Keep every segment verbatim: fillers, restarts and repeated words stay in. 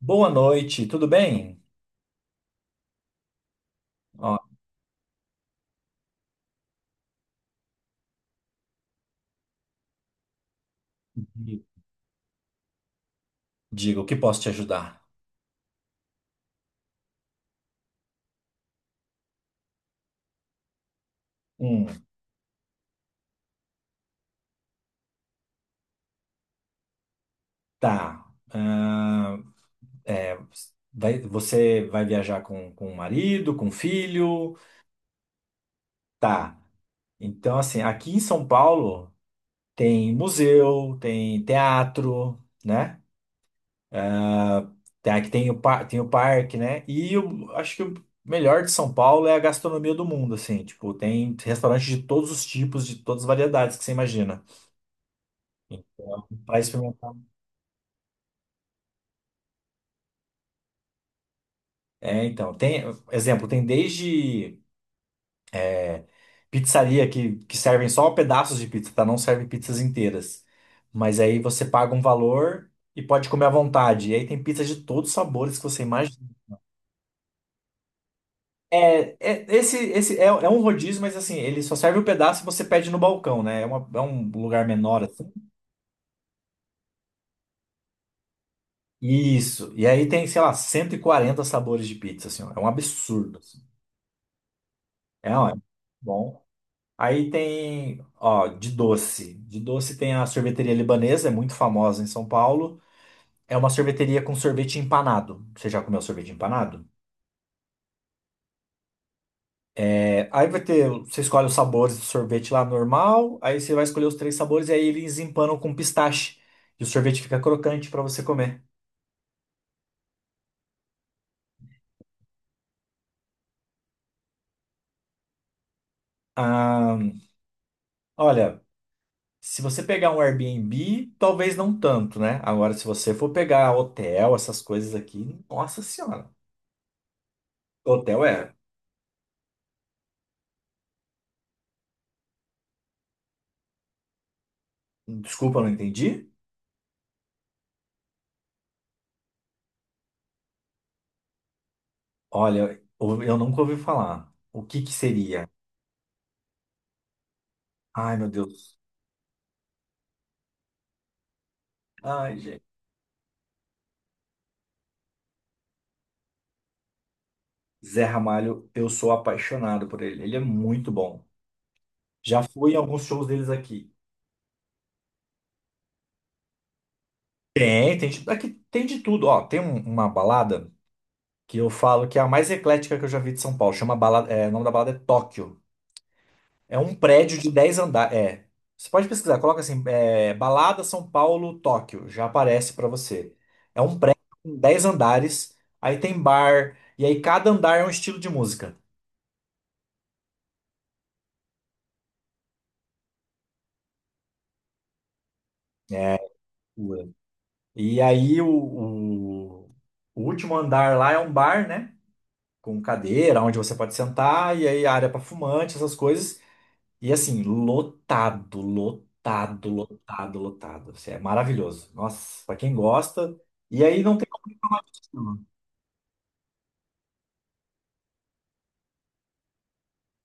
Boa noite, tudo bem? Ó, digo, o que posso te ajudar? Hum, tá. Ah, é, vai- você vai viajar com, com o marido, com o filho? Tá. Então, assim, aqui em São Paulo tem museu, tem teatro, né? Tem, aqui tem o, par- tem o parque, né? E eu acho que o melhor de São Paulo é a gastronomia do mundo, assim. Tipo, tem restaurantes de todos os tipos, de todas as variedades que você imagina. Então, para experimentar. É, então, tem, exemplo, tem desde é, pizzaria que, que servem só pedaços de pizza, tá? Não servem pizzas inteiras. Mas aí você paga um valor e pode comer à vontade. E aí tem pizza de todos os sabores que você imagina. É, é- esse, esse é, é um rodízio, mas assim, ele só serve o pedaço e você pede no balcão, né? É, uma- é um lugar menor, assim. Isso. E aí tem, sei lá, cento e quarenta sabores de pizza, assim, ó. É um absurdo, assim. É, ó, é bom. Aí tem, ó, de doce. De doce tem a sorveteria libanesa, é muito famosa em São Paulo. É uma sorveteria com sorvete empanado. Você já comeu sorvete empanado? É, aí vai ter, você escolhe os sabores do sorvete lá normal, aí você vai escolher os três sabores e aí eles empanam com pistache. E o sorvete fica crocante para você comer. Ah, olha, se você pegar um Airbnb, talvez não tanto, né? Agora, se você for pegar hotel, essas coisas aqui, nossa senhora. Hotel é. Desculpa, não entendi. Olha, eu eu nunca ouvi falar. O que que seria? Ai, meu Deus. Ai, gente. Zé Ramalho, eu sou apaixonado por ele. Ele é muito bom. Já fui em alguns shows deles aqui. Tem, tem, de- aqui tem de tudo. Ó, tem um- uma balada que eu falo que é a mais eclética que eu já vi de São Paulo. Chama balada, é, o nome da balada é Tóquio. É um prédio de dez andares. É. Você pode pesquisar, coloca assim, é, Balada São Paulo, Tóquio, já aparece para você. É um prédio com dez andares, aí tem bar, e aí cada andar é um estilo de música. Ué. E aí o, o, o último andar lá é um bar, né? Com cadeira, onde você pode sentar, e aí área para fumante, essas coisas. E assim, lotado, lotado, lotado, lotado. Assim, é maravilhoso. Nossa, para quem gosta. E aí não tem como reclamar.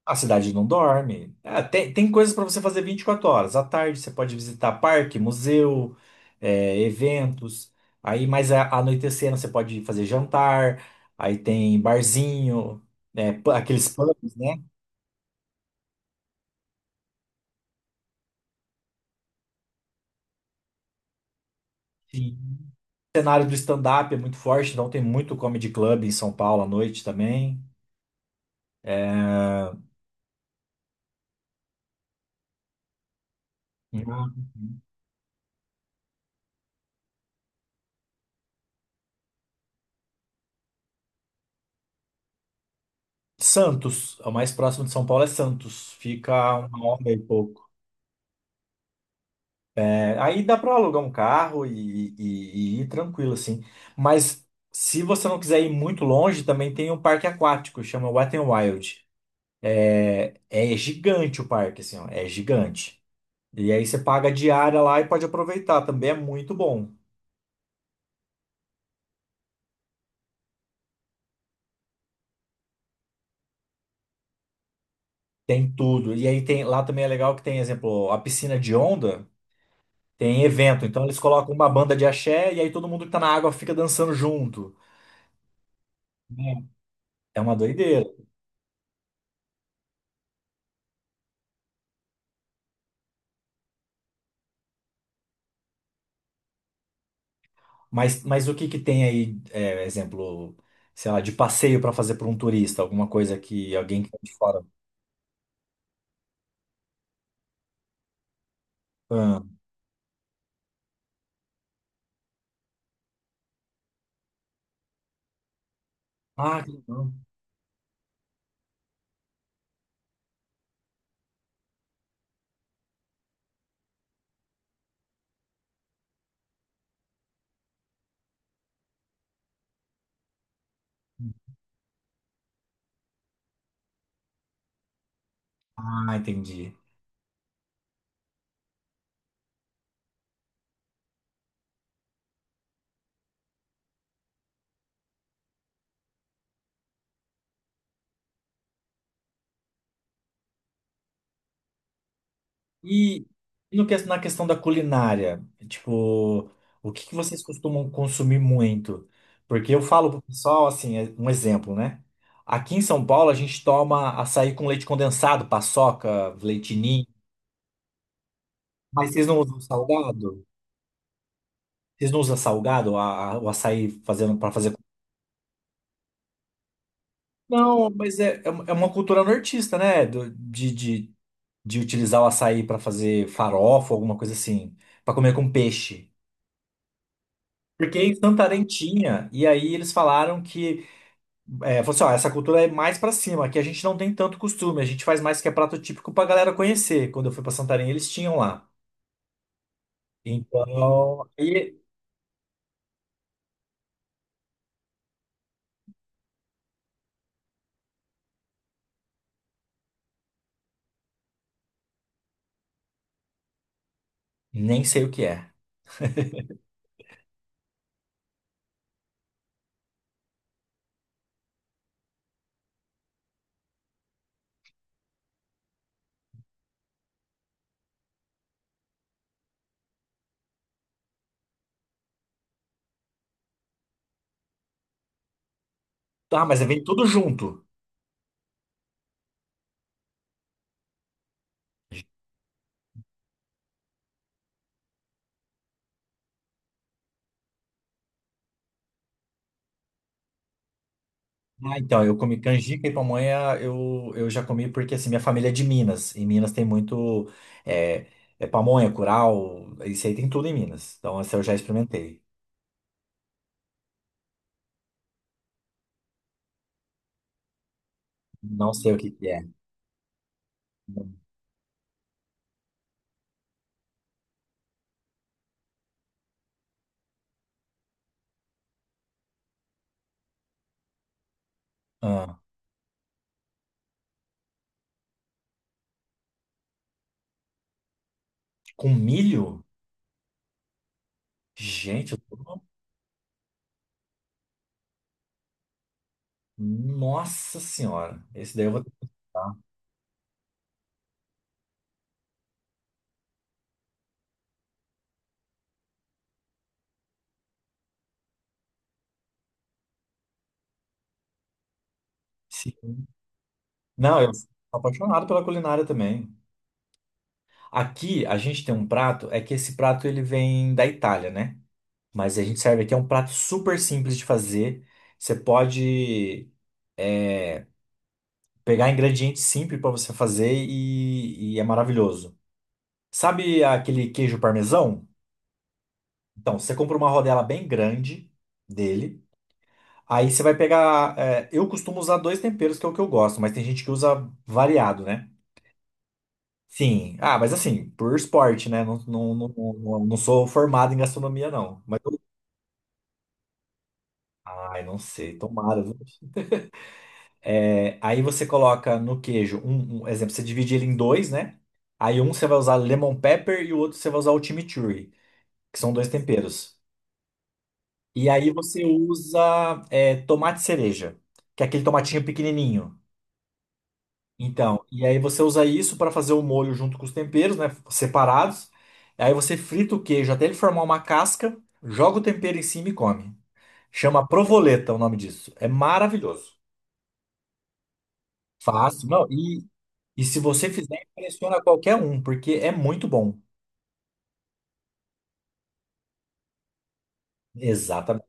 A cidade não dorme. Ah, tem, tem coisas para você fazer vinte e quatro horas. À tarde você pode visitar parque, museu, é, eventos. Aí mais a- anoitecendo você pode fazer jantar. Aí tem barzinho, né, pu- aqueles pubs, né? Sim. O cenário do stand-up é muito forte, então tem muito comedy club em São Paulo à noite também. Uhum. Santos, o mais próximo de São Paulo é Santos. Fica uma hora e pouco. Aí dá para alugar um carro e, e- e ir tranquilo, assim. Mas se você não quiser ir muito longe, também tem um parque aquático, chama Wet n Wild. É é gigante o parque, assim, ó, é gigante. E aí você paga a diária lá e pode aproveitar, também é muito bom. Tem tudo. E aí tem, lá também é legal que tem, exemplo, a piscina de onda, tem evento. Então eles colocam uma banda de axé e aí todo mundo que tá na água fica dançando junto. É É uma doideira. Mas, mas o que que tem aí, é, exemplo, sei lá, de passeio para fazer para um turista, alguma coisa que alguém que tá de fora. Ah, ah, que legal. Ah, entendi. E e no, que- na questão da culinária, tipo, o que que vocês costumam consumir muito? Porque eu falo pro pessoal, assim, é um exemplo, né? Aqui em São Paulo a gente toma açaí com leite condensado, paçoca, leite ninho. Mas vocês não usam salgado? Vocês não usam salgado, a- a- o açaí fazendo para fazer. Não, mas é, é uma é uma cultura nortista, né? Do- de, de, de utilizar o açaí para fazer farofa, alguma coisa assim, para comer com peixe. Porque em Santarém tinha, e aí eles falaram que, é, falou assim, ó, essa cultura é mais para cima, aqui a gente não tem tanto costume, a gente faz mais que é prato típico pra galera conhecer. Quando eu fui para Santarém, eles tinham lá. Então, aí nem sei o que é. Ah, mas vem tudo junto. Ah, então, eu comi canjica e pamonha, eu, eu já comi porque, assim, minha família é de Minas. Em Minas tem muito é, é pamonha, curau, isso aí tem tudo em Minas. Então, essa eu já experimentei. Não sei o que que é. Ah, com milho? Gente, eu tô... Nossa Senhora. Esse daí eu vou ter que testar. Sim. Não, eu sou apaixonado pela culinária também. Aqui, a gente tem um prato, é que esse prato ele vem da Itália, né? Mas a gente serve aqui, é um prato super simples de fazer. Você pode pegar ingredientes simples para você fazer e, e é maravilhoso. Sabe aquele queijo parmesão? Então, você compra uma rodela bem grande dele. Aí você vai pegar, é, eu costumo usar dois temperos, que é o que eu gosto, mas tem gente que usa variado, né? Sim. Ah, mas assim, por esporte, né? Não, não, não, não, não sou formado em gastronomia, não. Mas eu- Ai, não sei. Tomara. É, aí você coloca no queijo, um, um exemplo, você divide ele em dois, né? Aí um você vai usar lemon pepper e o outro você vai usar o chimichurri, que são dois temperos. E aí você usa é, tomate cereja, que é aquele tomatinho pequenininho. Então, e aí você usa isso para fazer o molho junto com os temperos, né? Separados. Aí você frita o queijo até ele formar uma casca, joga o tempero em cima e come. Chama provoleta o nome disso. É maravilhoso. Fácil, não. E se você fizer, impressiona qualquer um, porque é muito bom. Exatamente.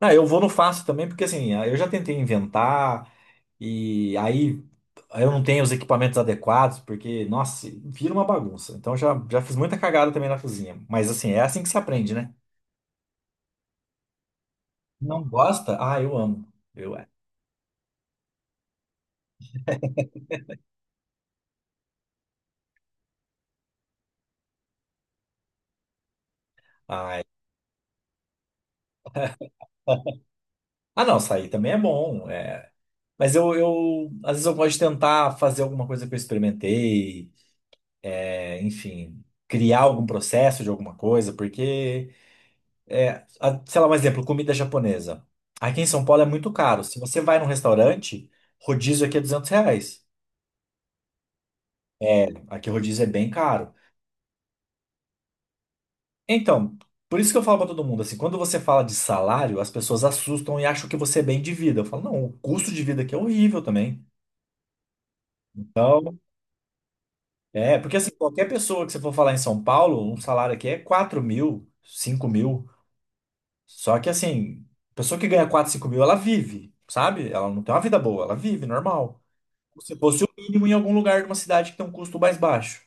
Ah, eu vou no fácil também, porque assim, ah, eu já tentei inventar, e aí eu não tenho os equipamentos adequados, porque, nossa, vira uma bagunça. Então já, já fiz muita cagada também na cozinha. Mas assim, é assim que se aprende, né? Não gosta? Ah, eu amo. Eu, é. Ai. Ah, não, sair também é bom. É. Mas eu, eu, às vezes eu gosto de tentar fazer alguma coisa que eu experimentei, é, enfim, criar algum processo de alguma coisa, porque. É, a- sei lá, um exemplo, comida japonesa. Aqui em São Paulo é muito caro. Se você vai num restaurante, rodízio aqui é duzentos reais. Aqui o rodízio é bem caro. Então, por isso que eu falo pra todo mundo, assim, quando você fala de salário, as pessoas assustam e acham que você é bem de vida. Eu falo, não, o custo de vida aqui é horrível também. Então, é, porque assim, qualquer pessoa que você for falar em São Paulo, um salário aqui é quatro mil, cinco mil. Só que assim, pessoa que ganha quatro cinco mil, ela vive, sabe? Ela não tem uma vida boa, ela vive normal. Se fosse o mínimo em algum lugar de uma cidade que tem um custo mais baixo.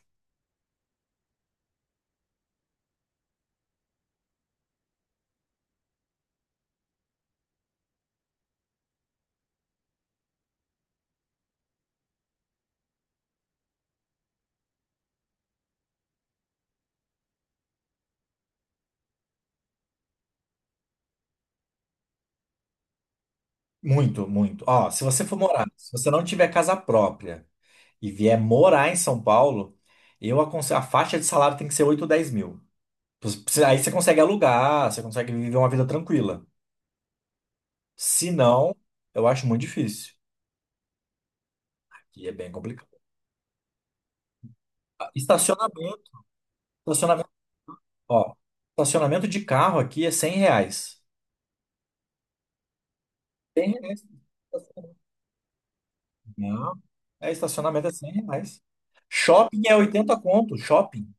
Muito, muito. Ó, se você for morar, se você não tiver casa própria e vier morar em São Paulo, eu aconselho, a faixa de salário tem que ser oito ou dez mil. Aí você consegue alugar, você consegue viver uma vida tranquila. Se não, eu acho muito difícil. E é bem complicado. Ah, Estacionamento, estacionamento, ó, estacionamento de carro aqui é cem reais. cem reais. É, estacionamento é cem reais. Shopping é oitenta conto, shopping.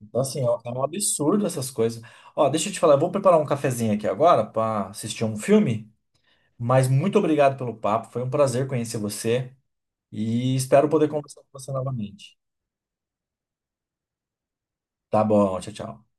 Então, assim, ó, é um absurdo essas coisas. Ó, deixa eu te falar, eu vou preparar um cafezinho aqui agora para assistir um filme, mas muito obrigado pelo papo, foi um prazer conhecer você e espero poder conversar com você novamente. Tá bom, tchau, tchau.